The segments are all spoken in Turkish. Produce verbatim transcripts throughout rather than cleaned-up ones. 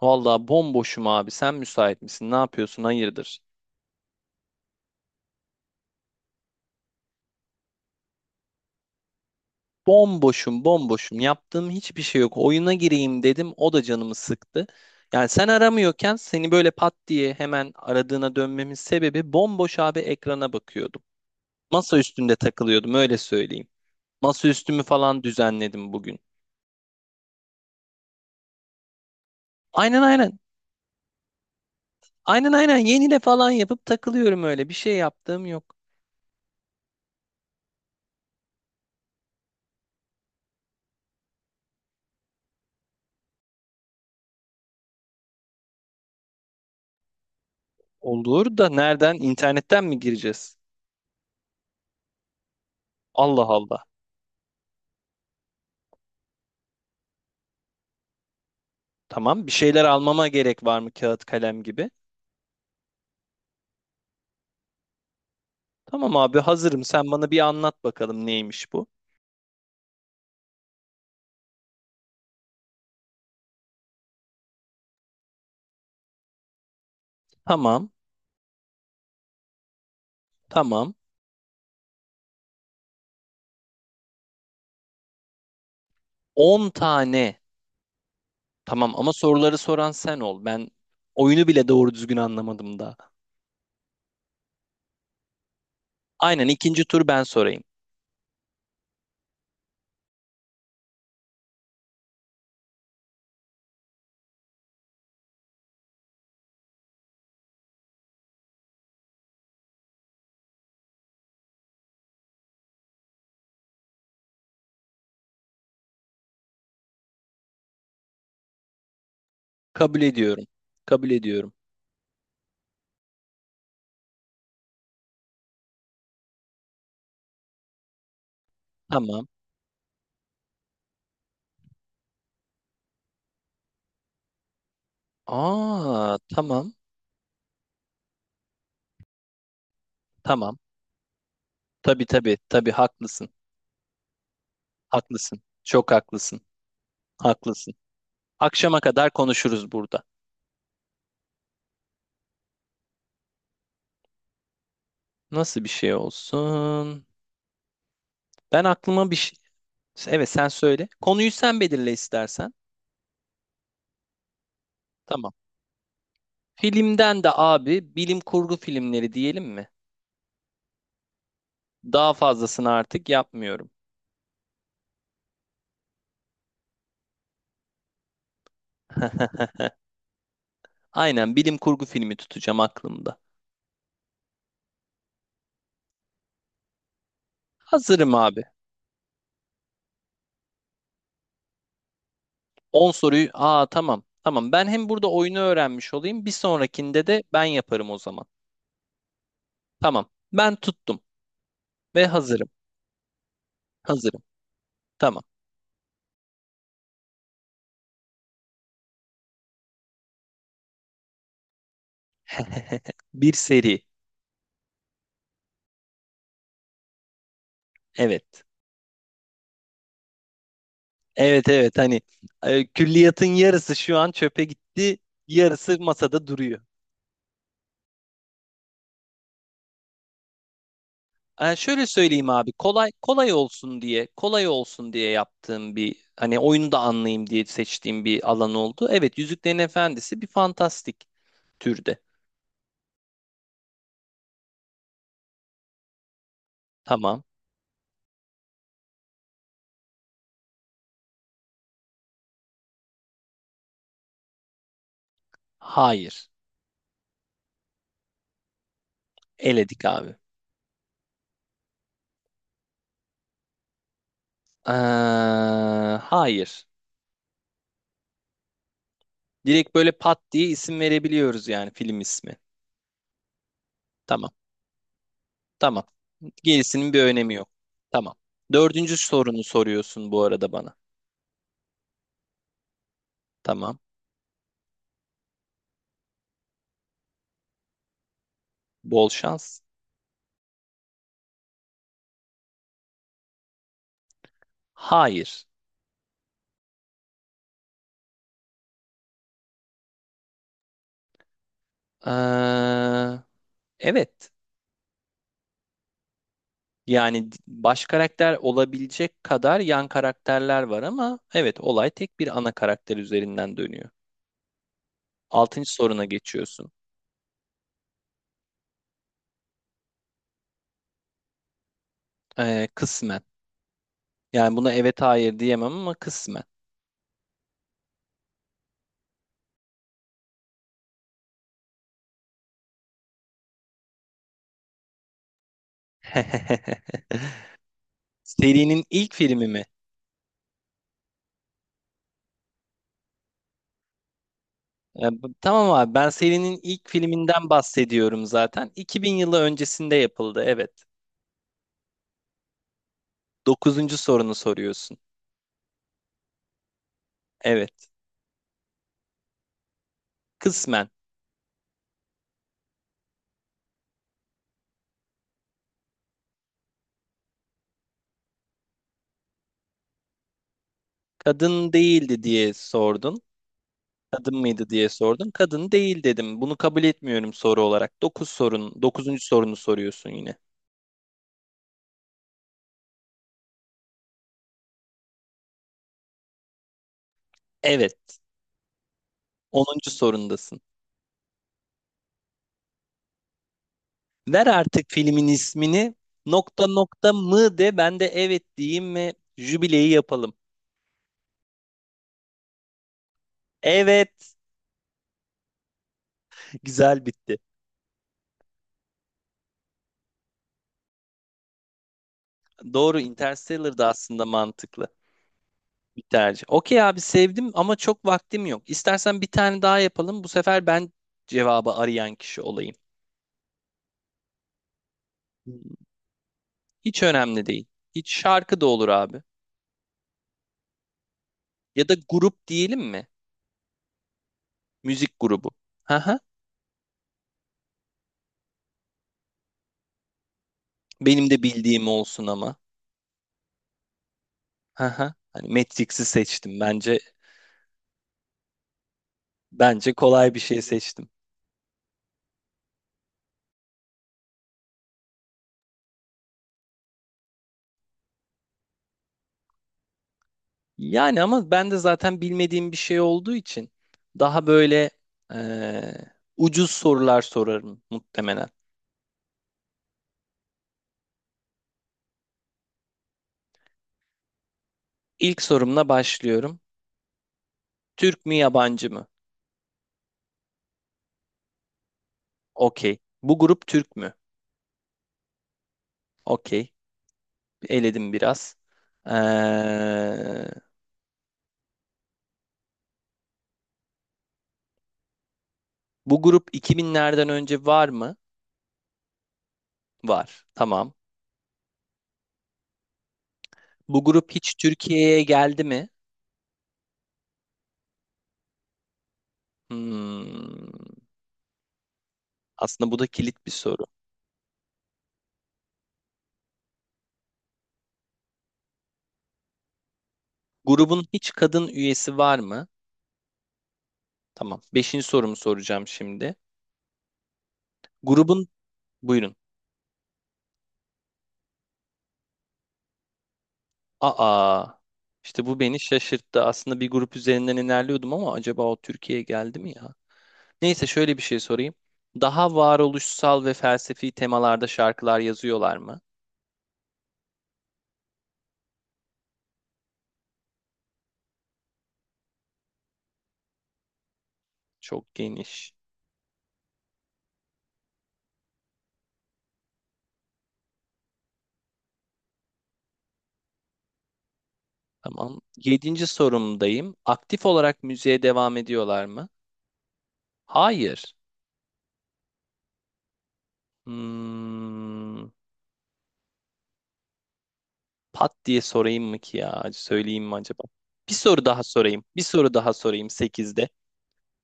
Vallahi bomboşum abi. Sen müsait misin? Ne yapıyorsun? Hayırdır? Bomboşum, bomboşum. Yaptığım hiçbir şey yok. Oyuna gireyim dedim. O da canımı sıktı. Yani sen aramıyorken seni böyle pat diye hemen aradığına dönmemin sebebi bomboş abi ekrana bakıyordum. Masa üstünde takılıyordum öyle söyleyeyim. Masa üstümü falan düzenledim bugün. Aynen aynen. Aynen aynen yenile falan yapıp takılıyorum öyle. Bir şey yaptığım yok. Olur da nereden? İnternetten mi gireceğiz? Allah Allah. Tamam. Bir şeyler almama gerek var mı kağıt kalem gibi? Tamam abi hazırım. Sen bana bir anlat bakalım neymiş bu? Tamam. Tamam. On tane. Tamam ama soruları soran sen ol. Ben oyunu bile doğru düzgün anlamadım daha. Aynen, ikinci tur ben sorayım. Kabul ediyorum. Kabul ediyorum. Tamam. Aa, tamam. Tamam. Tabii tabii tabii haklısın. Haklısın. Çok haklısın. Haklısın. Akşama kadar konuşuruz burada. Nasıl bir şey olsun? Ben aklıma bir şey. Evet sen söyle. Konuyu sen belirle istersen. Tamam. Filmden de abi bilim kurgu filmleri diyelim mi? Daha fazlasını artık yapmıyorum. Aynen, bilim kurgu filmi tutacağım aklımda. Hazırım abi. On soruyu. Aa, tamam. Tamam. Ben hem burada oyunu öğrenmiş olayım. Bir sonrakinde de ben yaparım o zaman. Tamam. Ben tuttum ve hazırım. Hazırım. Tamam. Bir seri. Evet. Evet, evet, hani e, külliyatın yarısı şu an çöpe gitti, yarısı masada duruyor. E, şöyle söyleyeyim abi, kolay kolay olsun diye, kolay olsun diye yaptığım, bir hani oyunu da anlayayım diye seçtiğim bir alan oldu. Evet, Yüzüklerin Efendisi bir fantastik türde. Tamam. Hayır. Eledik abi. Ee, hayır. Direkt böyle pat diye isim verebiliyoruz yani, film ismi. Tamam. Tamam. Gerisinin bir önemi yok. Tamam. Dördüncü sorunu soruyorsun bu arada bana. Tamam. Bol şans. Hayır. Ee, evet. Yani baş karakter olabilecek kadar yan karakterler var ama evet, olay tek bir ana karakter üzerinden dönüyor. Altıncı soruna geçiyorsun. Ee, kısmen. Yani buna evet hayır diyemem ama kısmen. Serinin ilk filmi mi? E, bu- tamam abi, ben serinin ilk filminden bahsediyorum zaten. iki bin yılı öncesinde yapıldı, evet. Dokuzuncu sorunu soruyorsun. Evet. Kısmen. Kadın değildi diye sordun. Kadın mıydı diye sordun. Kadın değil dedim. Bunu kabul etmiyorum soru olarak. Dokuz sorun, dokuzuncu sorunu soruyorsun yine. Evet. Onuncu sorundasın. Ver artık filmin ismini. Nokta nokta mı de, ben de evet diyeyim ve jübileyi yapalım. Evet. Güzel bitti. Doğru, Interstellar da aslında mantıklı bir tercih. Okey abi, sevdim ama çok vaktim yok. İstersen bir tane daha yapalım. Bu sefer ben cevabı arayan kişi olayım. Hiç önemli değil. Hiç, şarkı da olur abi. Ya da grup diyelim mi? Müzik grubu. Haha. Benim de bildiğim olsun ama. Haha. Hani Matrix'i seçtim. Bence bence kolay bir şey seçtim. Yani ama ben de zaten bilmediğim bir şey olduğu için daha böyle eee, ucuz sorular sorarım muhtemelen. İlk sorumla başlıyorum. Türk mü yabancı mı? Okey. Bu grup Türk mü? Okey. Eledim biraz. Ee, bu grup iki binlerden önce var mı? Var. Tamam. Bu grup hiç Türkiye'ye geldi mi? Hmm. Aslında bu da kilit bir soru. Grubun hiç kadın üyesi var mı? Tamam. Beşinci sorumu soracağım şimdi. Grubun, buyurun. Aa. İşte bu beni şaşırttı. Aslında bir grup üzerinden ilerliyordum ama acaba o Türkiye'ye geldi mi ya? Neyse şöyle bir şey sorayım. Daha varoluşsal ve felsefi temalarda şarkılar yazıyorlar mı? Çok geniş. Tamam. Yedinci sorumdayım. Aktif olarak müziğe devam ediyorlar mı? Hayır. Hmm, pat diye sorayım mı ki ya? Söyleyeyim mi acaba? Bir soru daha sorayım. Bir soru daha sorayım sekizde.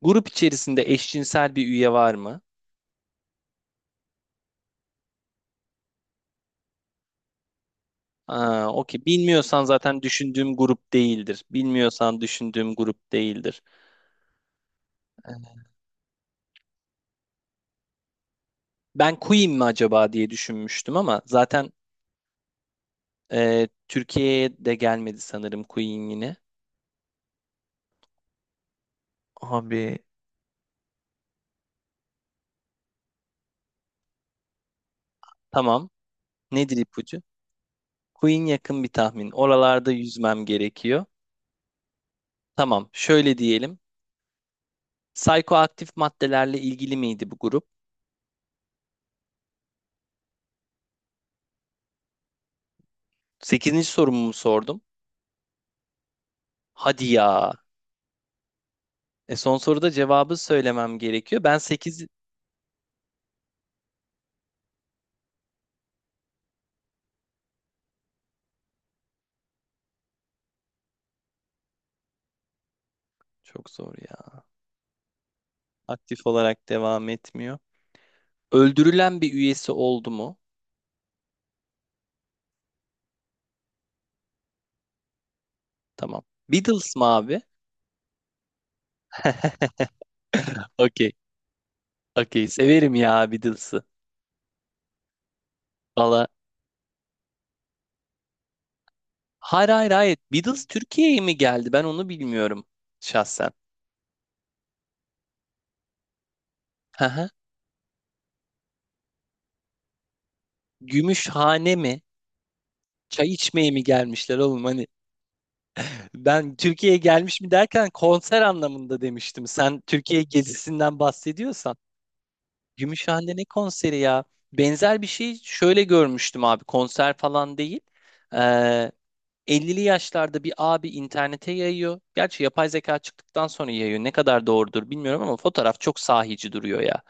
Grup içerisinde eşcinsel bir üye var mı? Aa, okey. Bilmiyorsan zaten düşündüğüm grup değildir. Bilmiyorsan düşündüğüm grup değildir. Ben Queen mi acaba diye düşünmüştüm ama zaten e, Türkiye'ye de gelmedi sanırım Queen yine. Abi. Tamam. Nedir ipucu? Queen yakın bir tahmin. Oralarda yüzmem gerekiyor. Tamam. Şöyle diyelim. Psikoaktif maddelerle ilgili miydi bu grup? Sekizinci sorumu mu sordum? Hadi ya. E, son soruda cevabı söylemem gerekiyor. Ben sekiz. Çok zor ya. Aktif olarak devam etmiyor. Öldürülen bir üyesi oldu mu? Tamam. Beatles mı abi? Okey. Okey, severim ya Beatles'ı. Valla hayır, hayır, hayır, Beatles Türkiye'ye mi geldi ben onu bilmiyorum şahsen. Hı hı. Gümüşhane mi? Çay içmeye mi gelmişler oğlum, hani ben Türkiye'ye gelmiş mi derken konser anlamında demiştim. Sen Türkiye gezisinden bahsediyorsan. Gümüşhane ne konseri ya? Benzer bir şey şöyle görmüştüm abi, konser falan değil. Ee, ellili yaşlarda bir abi internete yayıyor. Gerçi yapay zeka çıktıktan sonra yayıyor. Ne kadar doğrudur bilmiyorum ama fotoğraf çok sahici duruyor ya.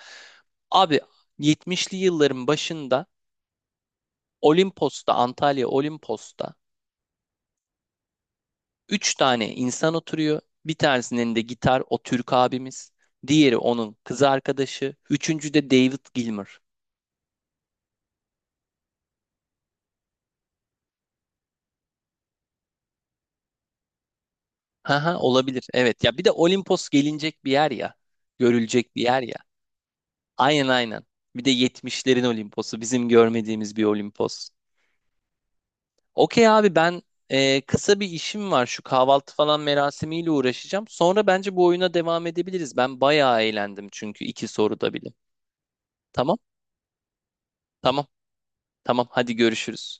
Abi, yetmişli yılların başında Olimpos'ta, Antalya Olimpos'ta üç tane insan oturuyor. Bir tanesinin elinde gitar, o Türk abimiz. Diğeri onun kız arkadaşı. Üçüncü de David Gilmour. Haha, olabilir. Evet ya, bir de Olimpos gelinecek bir yer ya. Görülecek bir yer ya. Aynen, aynen. Bir de yetmişlerin Olimpos'u bizim görmediğimiz bir Olimpos. Okey abi, ben e, kısa bir işim var, şu kahvaltı falan merasimiyle uğraşacağım. Sonra bence bu oyuna devam edebiliriz. Ben bayağı eğlendim çünkü iki soruda bile. Tamam tamam tamam, hadi görüşürüz.